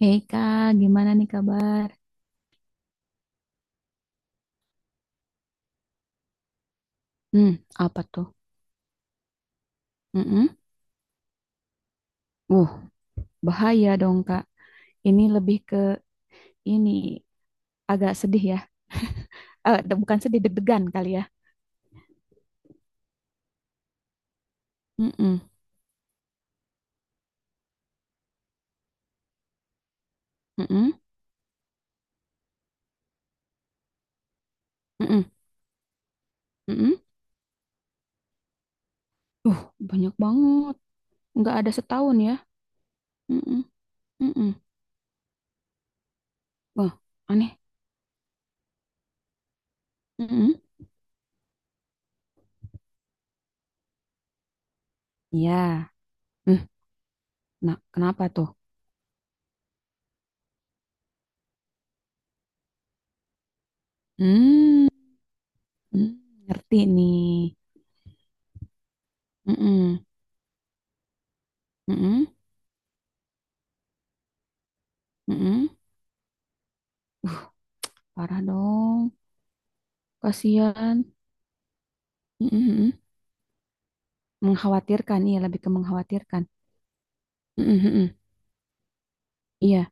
Hei kak, gimana nih kabar? Hmm, apa tuh? Mm-mm. Uh, bahaya dong kak. Ini lebih ke ini agak sedih ya. Bukan sedih deg-degan kali ya. Mm-mm. Mm-mm. Mm-mm. Mm-mm. Uh, banyak banget. Nggak ada setahun ya. Mm-mm. Mm-mm. Wah, aneh. Mm-mm. Ya. Hmm, Nah, kenapa tuh? Hmm. Hmm, Ngerti nih. Mm-mm. Mm-mm. Mm-mm. Parah dong, kasihan. Mhm, mhm. Mengkhawatirkan, iya lebih ke mengkhawatirkan. Mhm, mhm. Iya,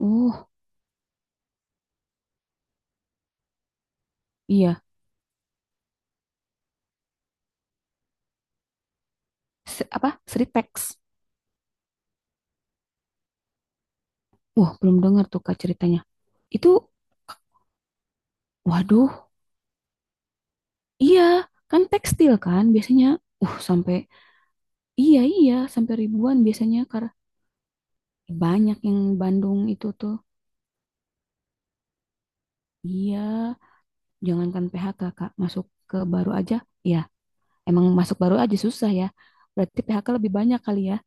uh, iya. Se- apa? Sripex. Wah, belum dengar tuh Kak ceritanya. Itu, waduh, iya, kan tekstil kan biasanya. Sampai, iya, iya, sampai ribuan biasanya karena banyak yang Bandung itu tuh. Iya, jangankan PHK Kak, masuk ke baru aja. Ya, emang masuk baru aja susah ya. Berarti PHK lebih banyak kali ya.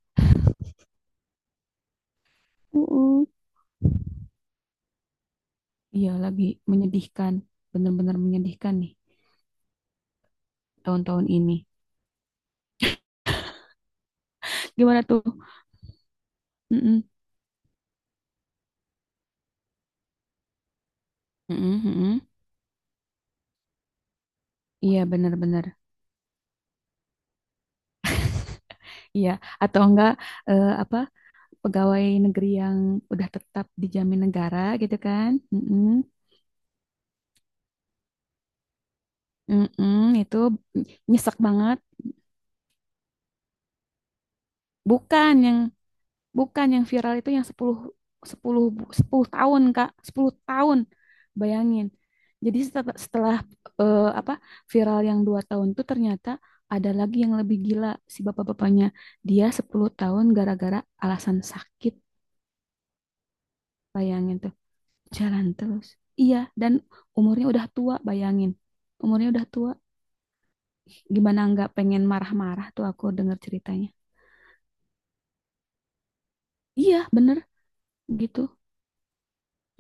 Uh-uh. Iya, lagi menyedihkan, benar-benar menyedihkan nih tahun-tahun ini. Gimana tuh? Mm-mm, mm-mm, mm-mm. Iya, benar-benar. Iya, atau enggak apa pegawai negeri yang udah tetap dijamin negara gitu kan? Mm-mm, mm-mm, itu nyesek banget. Bukan yang Bukan yang viral itu yang 10 10 10 tahun, Kak. 10 tahun. Bayangin. Jadi setelah, apa viral yang 2 tahun itu ternyata ada lagi yang lebih gila si bapak-bapaknya. Dia 10 tahun gara-gara alasan sakit. Bayangin tuh. Jalan terus. Iya, dan umurnya udah tua, bayangin. Umurnya udah tua. Gimana nggak pengen marah-marah tuh aku denger ceritanya. Iya, bener gitu.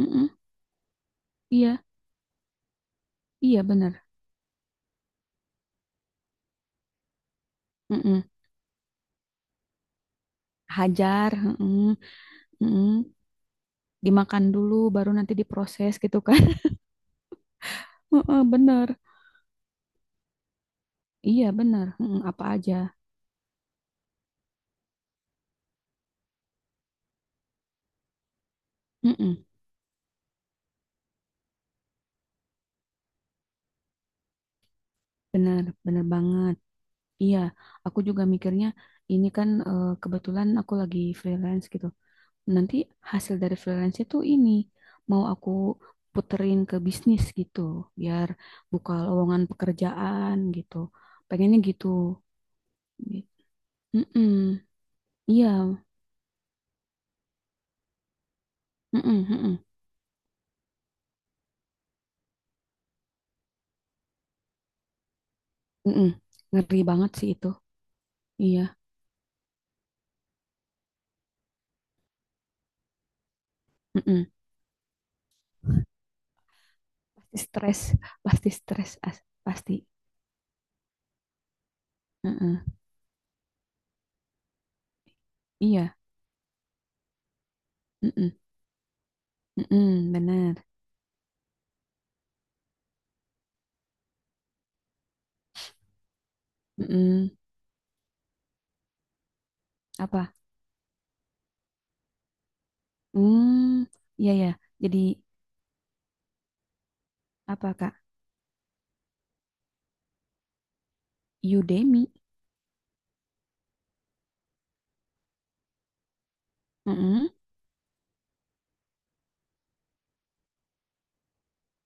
Mm-mm. Iya, iya bener. Mm-mm. Hajar, heeh, heeh. Dimakan dulu baru nanti diproses gitu kan. Heeh, bener. Iya, bener. Heeh, apa aja. Heeh, bener, bener banget. Iya, aku juga mikirnya ini kan kebetulan aku lagi freelance gitu. Nanti hasil dari freelance itu ini mau aku puterin ke bisnis gitu, biar buka lowongan pekerjaan gitu. Pengennya gitu. Heeh. Iya, heeh, heeh. Mm-mm. Ngeri banget sih itu. Iya, mm-mm. Pasti stres, pasti stres, pasti. Mm-mm. Iya, mm-mm. Mm-mm, benar. Mm-mm. Apa? Hmm, iya ya. Jadi apa Kak? Udemy. Mm-mm.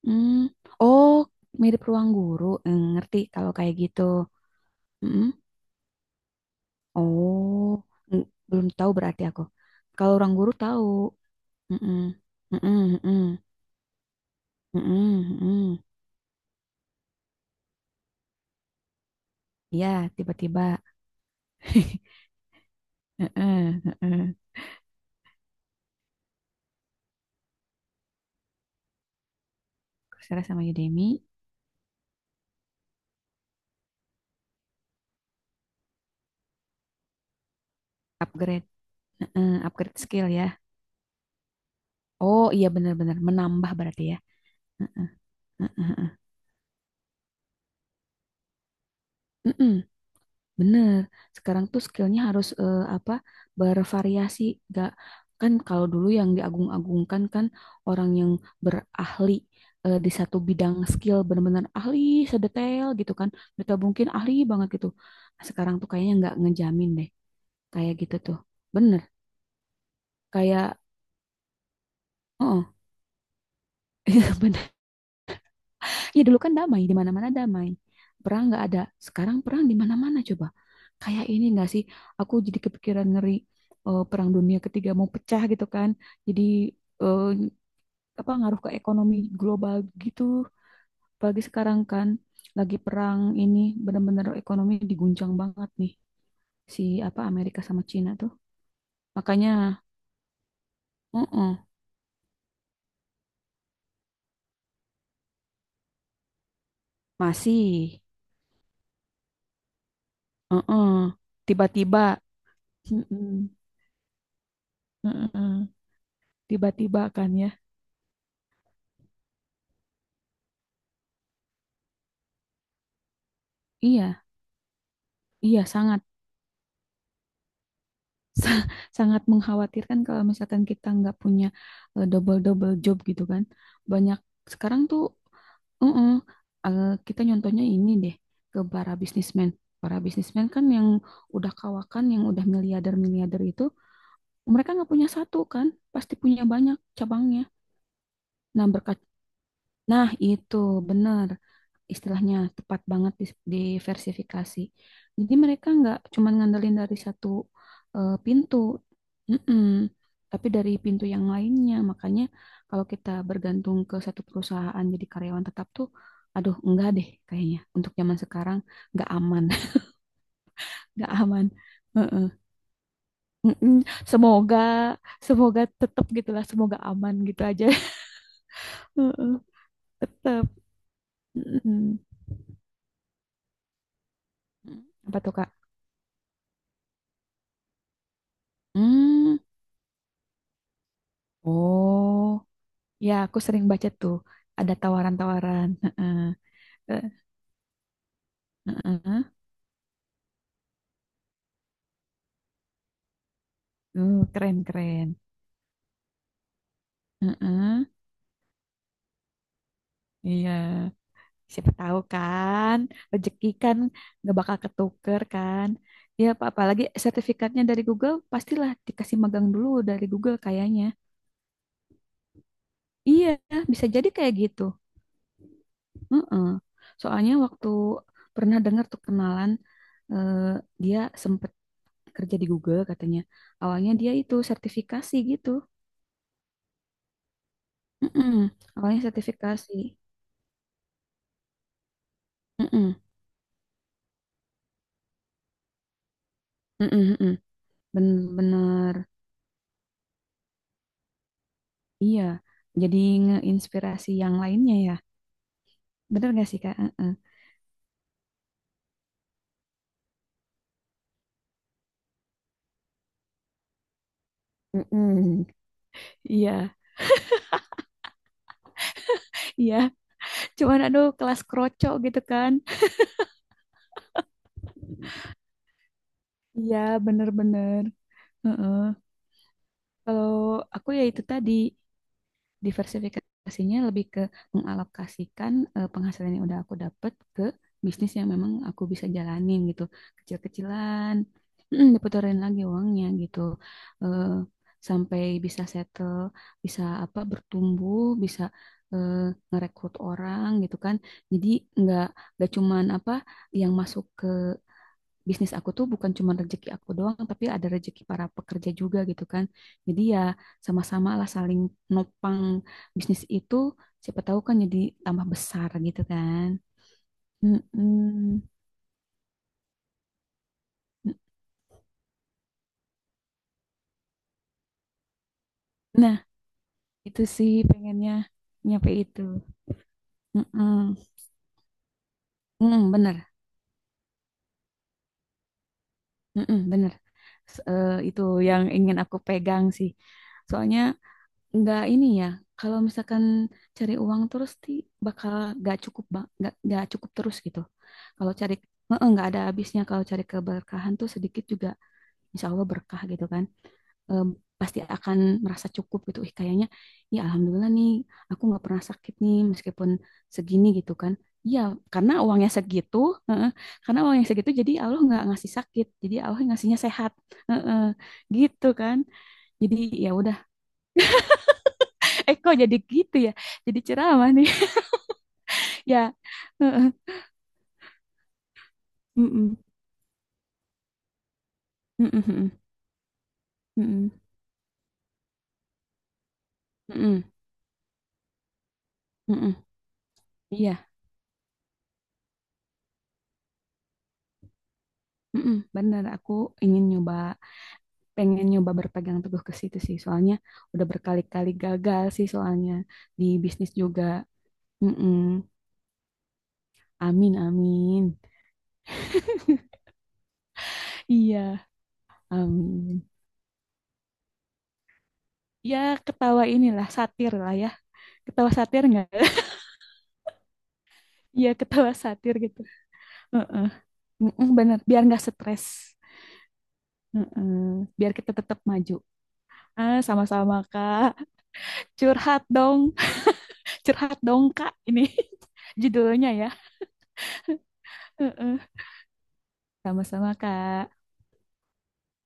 Mm. Oh, mirip ruang guru. Ngerti kalau kayak gitu. Mm-mm. Oh, mm, belum tahu berarti aku. Kalau ruang guru tahu. Mm-mm. Mm-mm, mm-mm. Mm-mm, mm-mm. Iya, tiba-tiba. Heeh, heeh. Coursera sama Udemy, upgrade, heeh, upgrade skill ya. Oh iya benar-benar menambah berarti ya. Heeh. Mm-mm, bener. Sekarang tuh skillnya harus apa bervariasi. Gak kan kalau dulu yang diagung-agungkan kan orang yang berahli di satu bidang skill benar-benar ahli sedetail gitu kan. Mereka mungkin ahli banget gitu. Nah, sekarang tuh kayaknya nggak ngejamin deh kayak gitu tuh. Bener. Kayak, oh, bener. Ya dulu kan damai, di mana-mana damai. Perang nggak ada. Sekarang perang di mana-mana coba. Kayak ini nggak sih? Aku jadi kepikiran ngeri perang dunia ketiga mau pecah gitu kan. Jadi eh, apa ngaruh ke ekonomi global gitu. Apalagi sekarang kan lagi perang ini benar-benar ekonomi diguncang banget nih si apa Amerika sama Cina tuh. Makanya, uh-uh, masih, uh-uh, tiba-tiba, mm-mm, mm-mm, tiba-tiba kan ya. Iya, iya sangat. sa- Sangat mengkhawatirkan kalau misalkan kita nggak punya double double job gitu kan banyak sekarang tuh mm-mm, kita nyontohnya ini deh ke para bisnismen kan yang udah kawakan yang udah miliarder miliarder itu mereka nggak punya satu kan pasti punya banyak cabangnya nah berkat nah itu benar istilahnya tepat banget diversifikasi. Jadi mereka nggak cuma ngandelin dari satu pintu. Mm-mm. Tapi dari pintu yang lainnya. Makanya kalau kita bergantung ke satu perusahaan jadi karyawan tetap tuh, aduh enggak deh kayaknya. Untuk zaman sekarang nggak aman, nggak aman. Heeh. Mm-mm. Semoga, semoga tetap gitulah, semoga aman gitu aja. Heeh. Tetap. Mm-mm. Apa tuh Kak? Hmm. Oh. Ya, aku sering baca tuh. Ada tawaran-tawaran. Heeh. Eh, heeh. Keren, keren. Heeh. Iya. Siapa tahu kan. Rezeki kan nggak bakal ketuker kan. Ya, apa apalagi sertifikatnya dari Google, pastilah dikasih magang dulu dari Google kayaknya. Iya, bisa jadi kayak gitu. Heeh. Soalnya waktu pernah dengar tuh kenalan, eh, dia sempet kerja di Google katanya. Awalnya dia itu sertifikasi gitu. Mm-mm. Awalnya sertifikasi. Mm-mm. Mm-mm, mm-mm. Bener-bener. Iya. Jadi ngeinspirasi yang lainnya ya. Bener gak sih, Kak? Mm-mm. Mm-mm. Iya, iya. Cuman aduh kelas kroco gitu kan. Iya, bener-bener. Heeh. Kalau aku ya itu tadi. Diversifikasinya lebih ke mengalokasikan penghasilan yang udah aku dapat ke bisnis yang memang aku bisa jalanin gitu. Kecil-kecilan, diputerin lagi uangnya gitu. Eh, sampai bisa settle, bisa apa bertumbuh, bisa eh, ngerekrut orang gitu kan. Jadi nggak nggak cuman apa yang masuk ke bisnis aku tuh bukan cuma rezeki aku doang, tapi ada rezeki para pekerja juga gitu kan. Jadi ya sama-sama lah saling nopang bisnis itu, siapa tahu kan jadi tambah besar gitu kan. Mm-mm. Nah, itu sih pengennya nyampe itu. Mm-mm. Mm, bener, mm-mm, bener. Itu yang ingin aku pegang sih. Soalnya nggak ini ya kalau misalkan cari uang terus bakal nggak cukup nggak cukup terus gitu kalau cari nggak ada habisnya kalau cari keberkahan tuh sedikit juga insya Allah berkah gitu kan. Eh, pasti akan merasa cukup gitu ih kayaknya ya alhamdulillah nih aku nggak pernah sakit nih meskipun segini gitu kan. Iya, karena uangnya segitu, eh, eh, karena uangnya segitu, jadi Allah nggak ngasih sakit, jadi Allah ngasihnya sehat. Eh, eh, gitu kan. Jadi ya udah. Eh kok jadi gitu ya? Jadi ceramah nih. Ya. Heeh. Mm-mm. Mm-mm, mm-mm, mm-mm, mm-mm. Iya. Mm-mm, bener. Aku ingin nyoba, pengen nyoba berpegang teguh ke situ sih. Soalnya udah berkali-kali gagal sih soalnya di bisnis juga. Mm-mm. Amin, amin. Iya, amin. Ya ketawa inilah satir lah ya. Ketawa satir nggak? Iya ketawa satir gitu. Heeh. Mm-mm, bener. Biar nggak stres. Heeh. Biar kita tetap maju. Ah, sama-sama Kak. Curhat dong, curhat dong Kak ini judulnya ya. Heeh. Sama-sama Kak.